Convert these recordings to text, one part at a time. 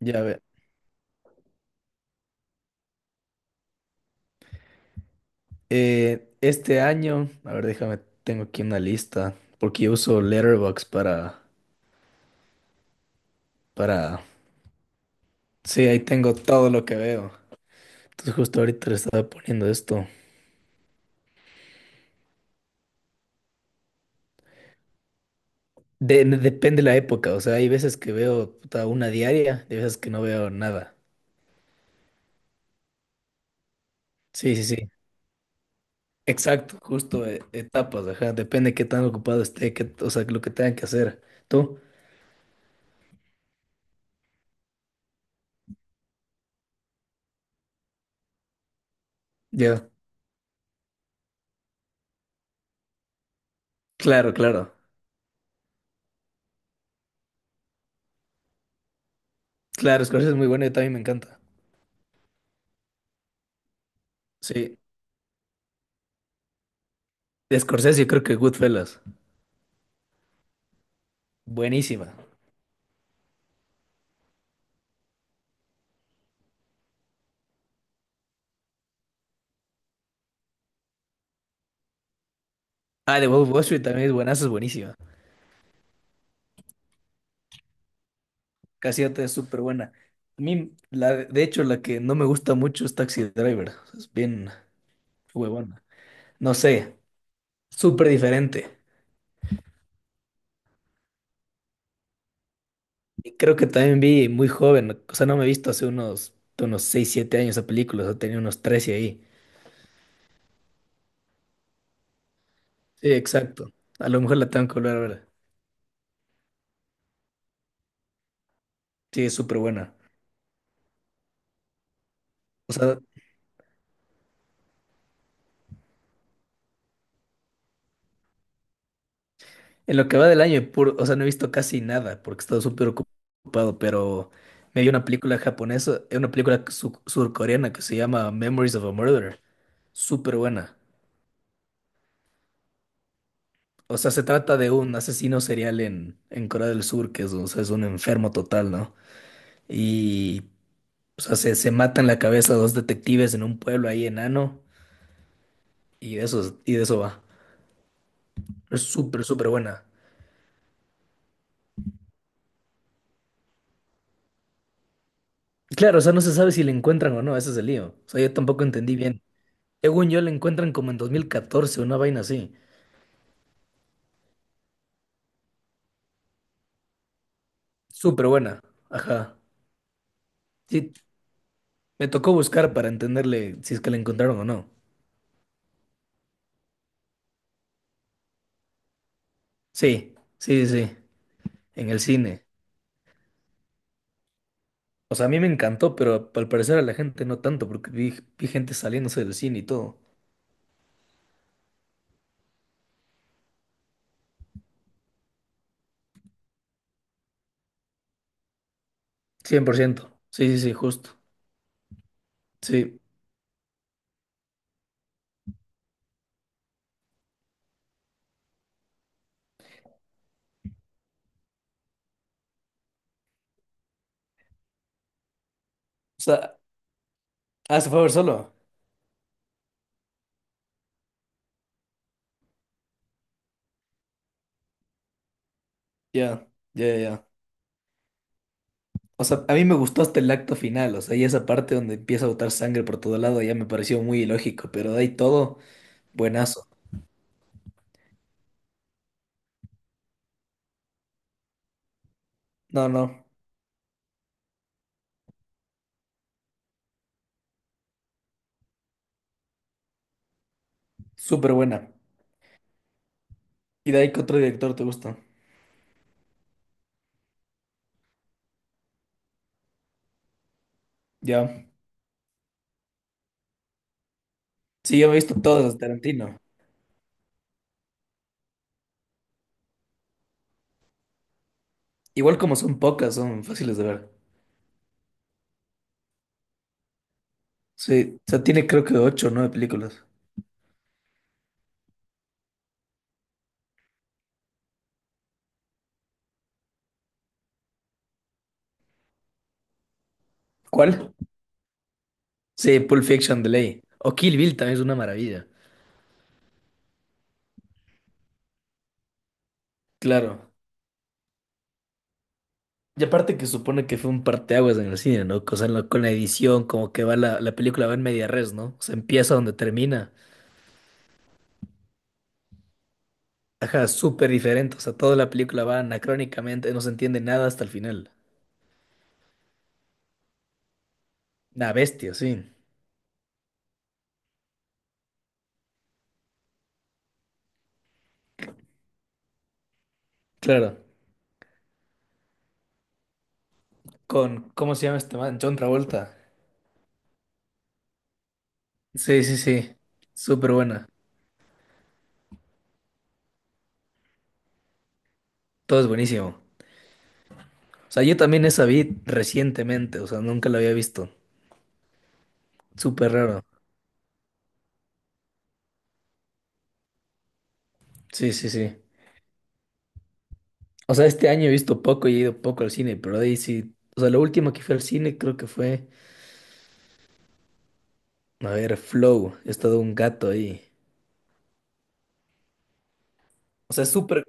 Ya ve. Este año, a ver, déjame, tengo aquí una lista, porque yo uso Letterboxd para... Sí, ahí tengo todo lo que veo. Entonces justo ahorita le estaba poniendo esto. Depende la época, o sea, hay veces que veo puta, una diaria, y hay veces que no veo nada. Sí, sí, sí. Exacto, justo etapas, ajá, depende qué tan ocupado esté, o sea, lo que tengan que hacer. ¿Tú? Ya. Claro, claro. Claro, Scorsese es muy bueno y también me encanta. Sí. De Scorsese yo creo que Goodfellas. Buenísima. Ah, The Wolf of Wall Street también es buenazo, es buenísima. Cassiopeia es súper buena. A mí, de hecho, la que no me gusta mucho es Taxi Driver. Es bien huevona. No sé, súper diferente. Y creo que también vi muy joven. O sea, no me he visto hace unos 6 7 años esa película. O sea, tenía unos 13 ahí. Sí, exacto. A lo mejor la tengo que volver a ver. Sí, es súper buena. O sea, en lo que va del año, puro, o sea, no he visto casi nada porque he estado súper ocupado, pero me vi una película japonesa, una película surcoreana que se llama Memories of a Murderer. Súper buena. O sea, se trata de un asesino serial en Corea del Sur, que es, o sea, es un enfermo total, ¿no? Y, o sea, se matan la cabeza dos detectives en un pueblo ahí enano y de eso va. Es súper, súper buena. Claro, o sea, no se sabe si le encuentran o no, ese es el lío. O sea, yo tampoco entendí bien. Según yo la encuentran como en 2014, una vaina así. Súper buena. Ajá. Sí, me tocó buscar para entenderle si es que la encontraron o no. Sí, sí, sí, en el cine. O sea, a mí me encantó, pero al parecer a la gente no tanto, porque vi gente saliéndose del cine y todo. 100%. Sí, sí, sí, justo. Sí. O sea, ah, se fue a ver solo. Ya, ya, ya. O sea, a mí me gustó hasta el acto final, o sea, y esa parte donde empieza a botar sangre por todo lado ya me pareció muy ilógico, pero de ahí todo, buenazo. No, no. Súper buena. Y de ahí que otro director te gusta. Ya. Sí, yo me he visto todas las de Tarantino. Igual como son pocas, son fáciles de ver. Sí, o sea, tiene creo que ocho o nueve películas. ¿Cuál? Sí, Pulp Fiction de ley. O Kill Bill también es una maravilla. Claro. Y aparte que supone que fue un parteaguas en el cine, ¿no? O sea, con la edición, como que va la película va en media res, ¿no? O sea, empieza donde termina. Ajá, súper diferente. O sea, toda la película va anacrónicamente, no se entiende nada hasta el final. Una bestia, sí. Claro. Con, ¿cómo se llama este man? John Travolta. Sí, sí, sí. Súper buena. Todo es buenísimo. O sea, yo también esa vi recientemente, o sea, nunca la había visto. Súper raro. Sí, sí, sí. O sea, este año he visto poco y he ido poco al cine, pero de ahí sí. O sea, la última que fui al cine creo que fue, a ver, Flow. Es todo un gato ahí. O sea, es súper.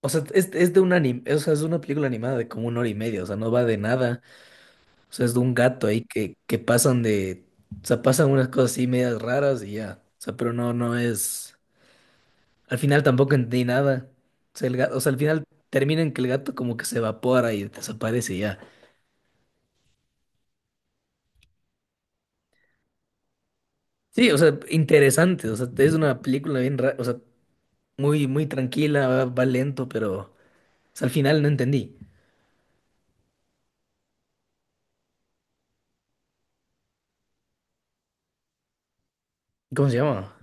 O sea, es de un anime. O sea, es una película animada de como 1 hora y media. O sea, no va de nada. O sea, es de un gato ahí que pasan de, o sea, pasan unas cosas así medias raras y ya. O sea, pero no es, al final tampoco entendí nada. O sea, el gato, o sea, al final termina en que el gato como que se evapora y desaparece y ya. Sí, o sea, interesante, o sea, es una película bien rara, o sea, muy, muy tranquila, va lento, pero, o sea, al final no entendí. ¿Cómo se llama?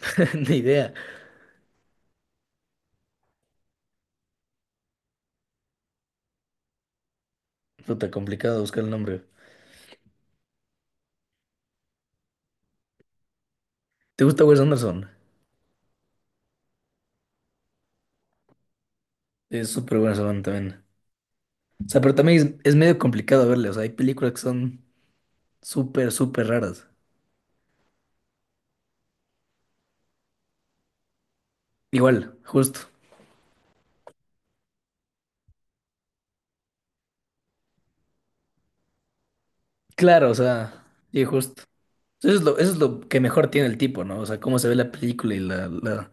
Ni idea. Puta, complicado buscar el nombre. ¿Te gusta Wes Anderson? Es súper buena esa banda también. O sea, pero también es medio complicado verle. O sea, hay películas que son súper, súper raras. Igual, justo. Claro, o sea, sí, justo. Eso es lo que mejor tiene el tipo, ¿no? O sea, cómo se ve la película y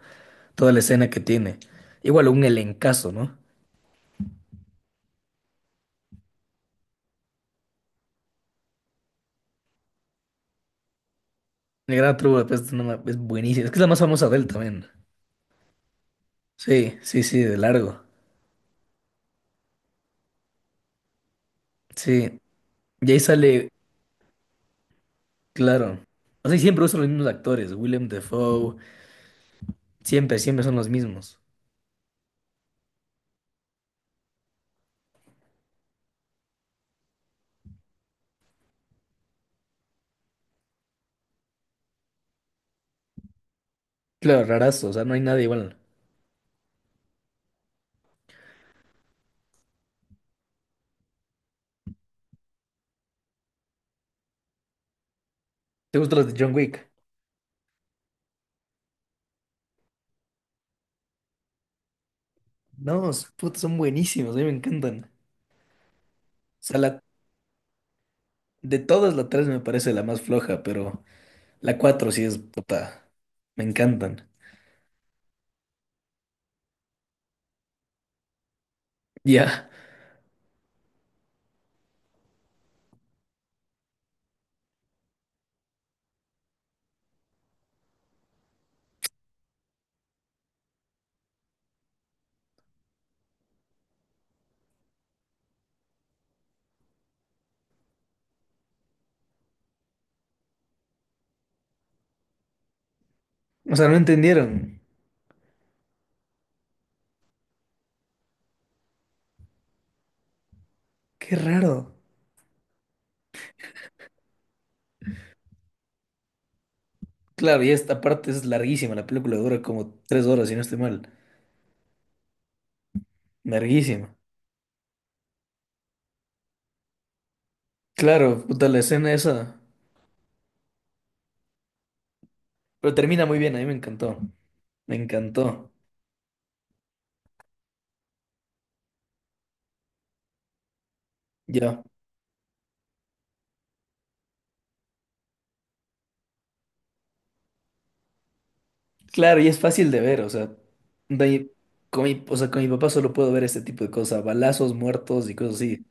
toda la escena que tiene. Igual, un elencazo, ¿no? El Gran Truco es buenísimo. Es que es la más famosa de él también. Sí, sí, sí, de largo. Sí. Y ahí sale, claro. O sea, y siempre usan los mismos actores. William Defoe. Siempre, siempre son los mismos. Claro, rarazo. O sea, no hay nada igual. ¿Te gustan los de John Wick? No, puta, son buenísimos. A mí me encantan. Sea, la, de todas la 3 me parece la más floja, pero la 4 sí es puta. Me encantan. Ya. O sea, no entendieron. Qué raro. Claro, y esta parte es larguísima. La película dura como 3 horas, si no estoy mal. Larguísima. Claro, puta, la escena esa. Pero termina muy bien, a mí me encantó. Me encantó. Ya. Claro, y es fácil de ver, o sea. de- con mi, o sea, con mi papá solo puedo ver este tipo de cosas. Balazos, muertos y cosas así.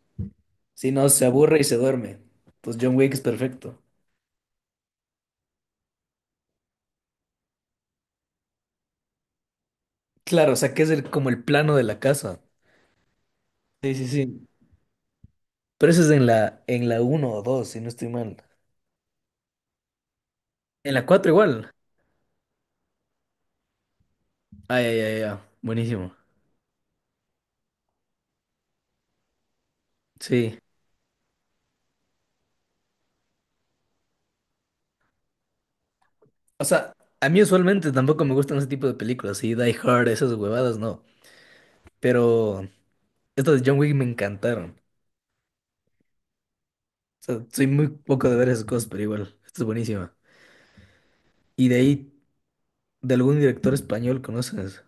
Si no, se aburre y se duerme. Pues John Wick es perfecto. Claro, o sea, que es como el plano de la casa. Sí, sí, sí. Pero eso es en en la uno o 2 si no estoy mal. En la 4 igual. Ay, ay, ay, ay. Buenísimo. Sí. O sea, a mí usualmente tampoco me gustan ese tipo de películas. Sí, Die Hard, esas huevadas, no. Pero estas de John Wick me encantaron. O sea, soy muy poco de ver esas cosas, pero igual. Esto es buenísima. Y de ahí, de algún director español conoces.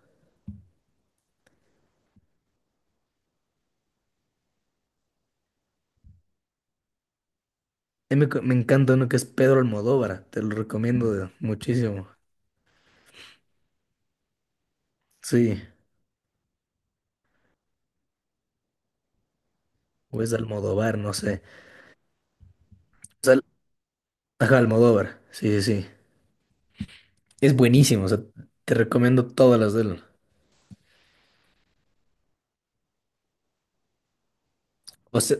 Ahí me encanta uno que es Pedro Almodóvar, te lo recomiendo muchísimo. Sí, o es Almodóvar, no sé. O sea, ajá, Almodóvar, sí, sí, sí. Es buenísimo, o sea, te recomiendo todas las de él. O sea,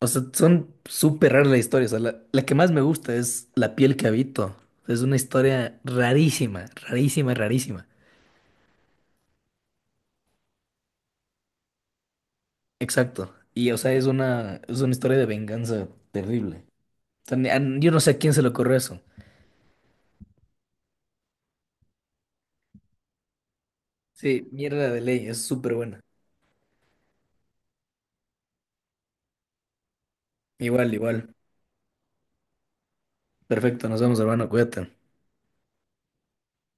o sea, son súper raras las historias. O sea, la que más me gusta es La piel que habito. Es una historia rarísima, rarísima, rarísima. Exacto. Y, o sea, es una historia de venganza terrible. O sea, yo no sé a quién se le ocurrió eso. Sí, mierda de ley, es súper buena. Igual, igual. Perfecto, nos vemos, hermano, cuídate.